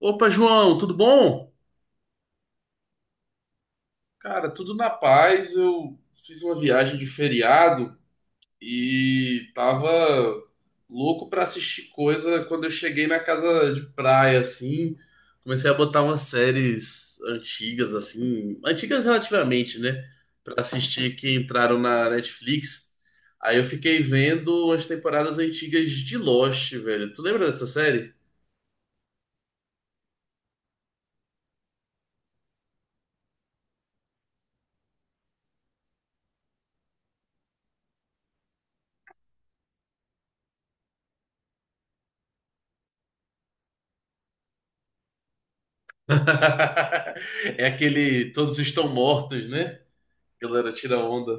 Opa, João, tudo bom? Cara, tudo na paz. Eu fiz uma viagem de feriado e tava louco pra assistir coisa quando eu cheguei na casa de praia, assim. Comecei a botar umas séries antigas, assim, antigas relativamente, né? Pra assistir que entraram na Netflix. Aí eu fiquei vendo as temporadas antigas de Lost, velho. Tu lembra dessa série? É aquele Todos Estão Mortos, né? Galera, tira onda.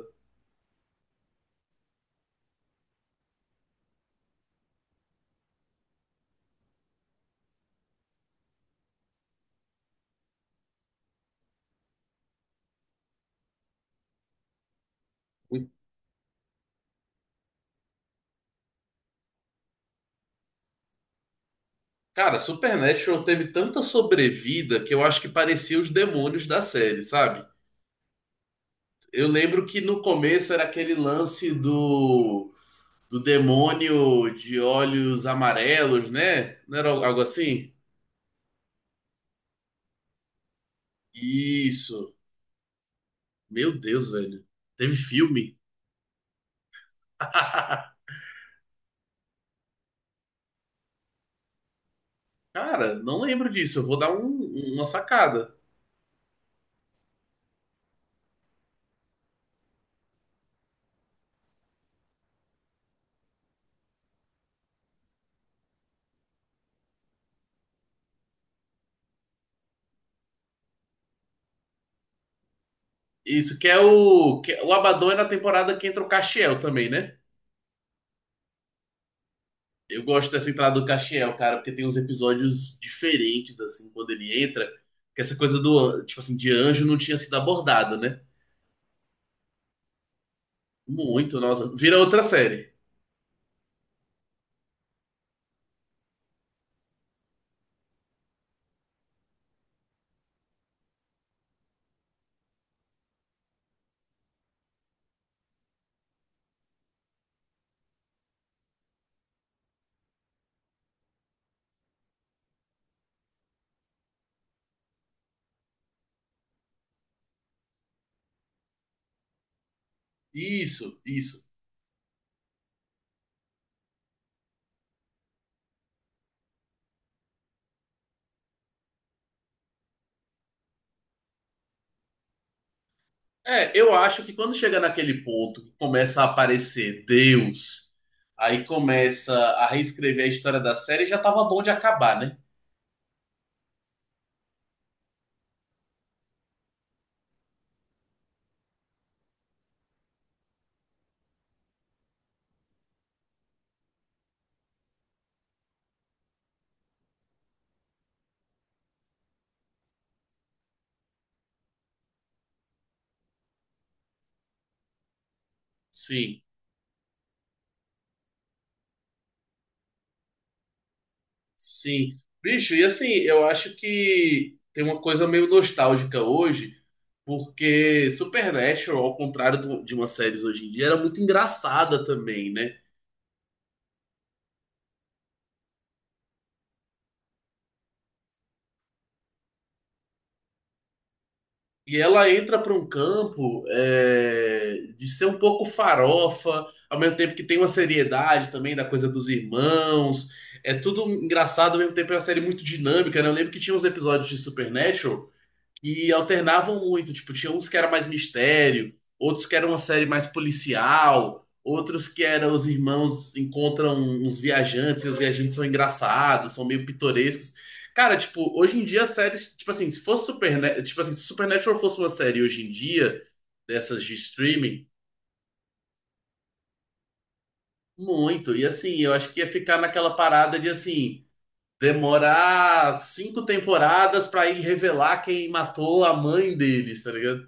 Cara, Supernatural teve tanta sobrevida que eu acho que parecia os demônios da série, sabe? Eu lembro que no começo era aquele lance do demônio de olhos amarelos, né? Não era algo assim? Isso. Meu Deus, velho. Teve filme? Cara, não lembro disso. Eu vou dar uma sacada. Isso. É o Abaddon é na temporada que entra o Castiel também, né? Eu gosto dessa entrada do Castiel, cara, porque tem uns episódios diferentes, assim, quando ele entra, que essa coisa tipo assim, de anjo não tinha sido abordada, né? Muito, nossa. Vira outra série. Isso, isso. É, eu acho que quando chega naquele ponto que começa a aparecer Deus, aí começa a reescrever a história da série, já tava bom de acabar, né? Sim. Sim. Bicho, e assim, eu acho que tem uma coisa meio nostálgica hoje, porque Supernatural, ao contrário de umas séries hoje em dia, era muito engraçada também, né? E ela entra para um campo de ser um pouco farofa, ao mesmo tempo que tem uma seriedade também da coisa dos irmãos. É tudo engraçado, ao mesmo tempo é uma série muito dinâmica, né? Eu lembro que tinha uns episódios de Supernatural. E alternavam muito, tipo, tinha uns que era mais mistério, outros que era uma série mais policial, outros que eram os irmãos encontram uns viajantes e os viajantes são engraçados, são meio pitorescos. Cara, tipo, hoje em dia as séries, tipo assim, se fosse Supernatural, tipo assim, se Supernatural fosse uma série hoje em dia, dessas de streaming, muito. E assim, eu acho que ia ficar naquela parada de assim, demorar cinco temporadas pra ir revelar quem matou a mãe deles, tá ligado?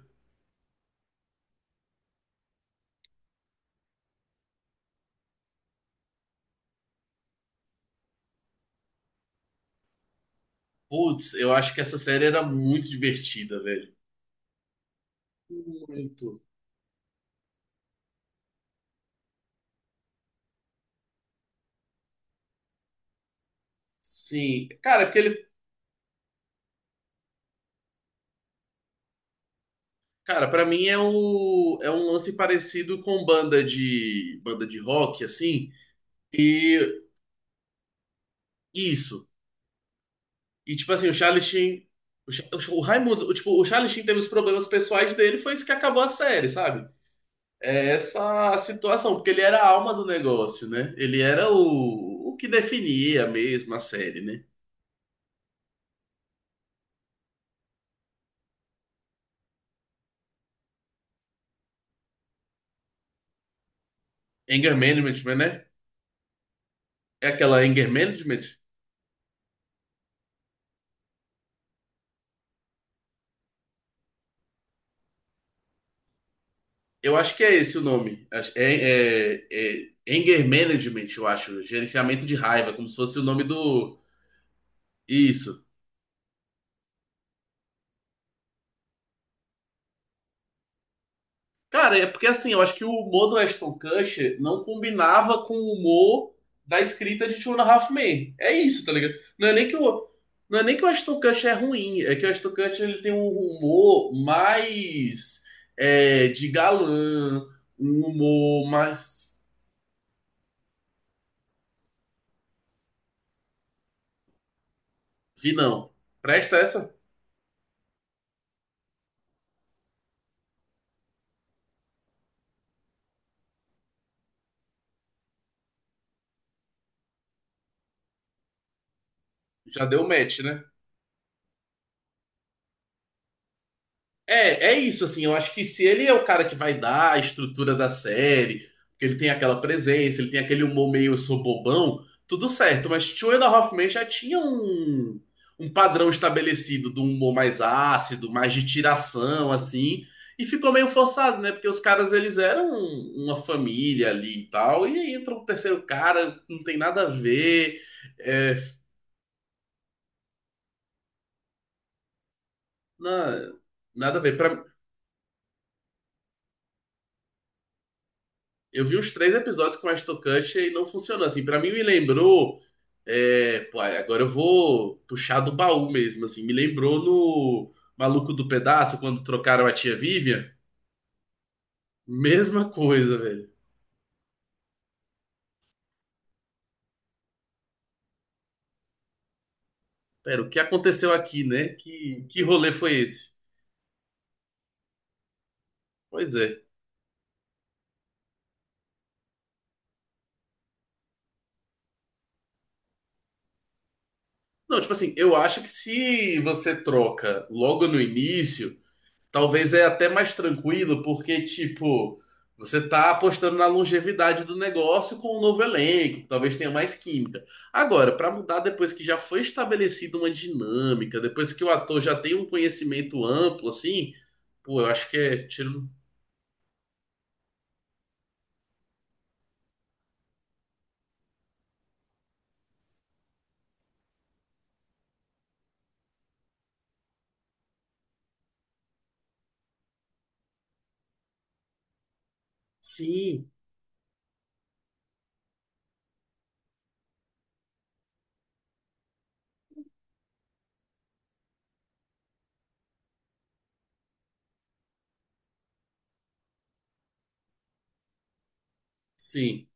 Putz, eu acho que essa série era muito divertida, velho. Muito. Sim. Cara, porque ele, cara, para mim é o é um lance parecido com banda de rock assim, e isso. E tipo assim, o Charlie Sheen, o Raimundo, tipo, o Charlie Sheen teve os problemas pessoais dele, foi isso que acabou a série, sabe? É essa a situação, porque ele era a alma do negócio, né? Ele era o que definia mesmo a série, né? Anger Management, né? É aquela Anger Management? Eu acho que é esse o nome. É Anger Management, eu acho. Gerenciamento de raiva, como se fosse o nome do. Isso. Cara, é porque assim, eu acho que o humor do Ashton Kutcher não combinava com o humor da escrita de Two and a Half Men. É isso, tá ligado? Não é nem que o, não é nem que o Ashton Kutcher é ruim, é que o Ashton Kutcher ele tem um humor mais de galã, um humor mais. Vi não. Presta essa? Já deu match, né? É, é isso, assim, eu acho que se ele é o cara que vai dar a estrutura da série, porque ele tem aquela presença, ele tem aquele humor meio eu sou bobão, tudo certo, mas Two and a Half Men já tinha um padrão estabelecido do humor mais ácido, mais de tiração, assim, e ficou meio forçado, né? Porque os caras, eles eram uma família ali e tal, e aí entra um terceiro cara, não tem nada a ver, é, na- nada a ver. Pra Eu vi os três episódios com a Estocante e não funcionou. Assim, pra mim me lembrou. Pô, agora eu vou puxar do baú mesmo, assim. Me lembrou no Maluco do Pedaço, quando trocaram a tia Vivian. Mesma coisa, velho. Pera, o que aconteceu aqui, né? Que rolê foi esse? Pois é. Não, tipo assim, eu acho que se você troca logo no início. Talvez é até mais tranquilo, porque, tipo, você tá apostando na longevidade do negócio com um novo elenco, talvez tenha mais química. Agora, para mudar depois que já foi estabelecida uma dinâmica, depois que o ator já tem um conhecimento amplo, assim, pô, eu acho que é tiro. Sim, sim.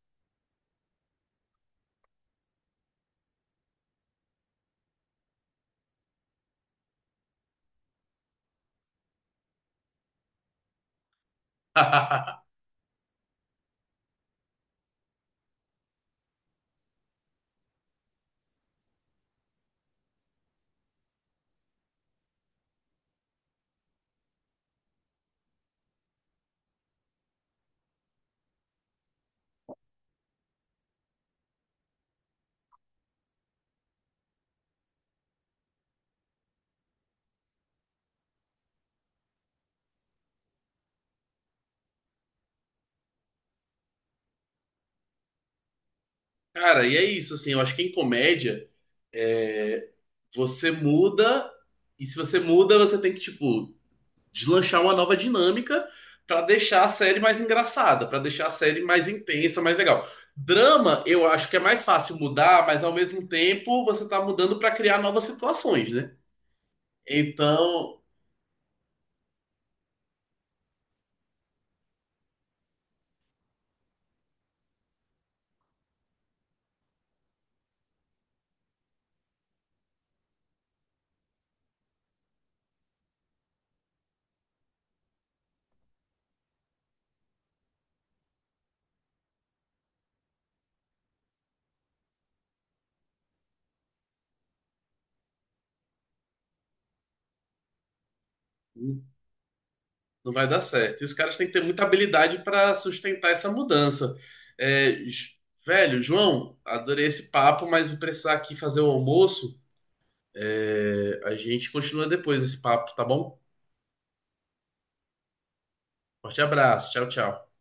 Cara, e é isso, assim, eu acho que em comédia, é, você muda, e se você muda, você tem que, tipo, deslanchar uma nova dinâmica para deixar a série mais engraçada, para deixar a série mais intensa, mais legal. Drama, eu acho que é mais fácil mudar, mas ao mesmo tempo você tá mudando para criar novas situações, né? Então, não vai dar certo. E os caras têm que ter muita habilidade para sustentar essa mudança. É, velho, João, adorei esse papo, mas vou precisar aqui fazer o almoço. É, a gente continua depois desse papo, tá bom? Forte abraço, tchau, tchau.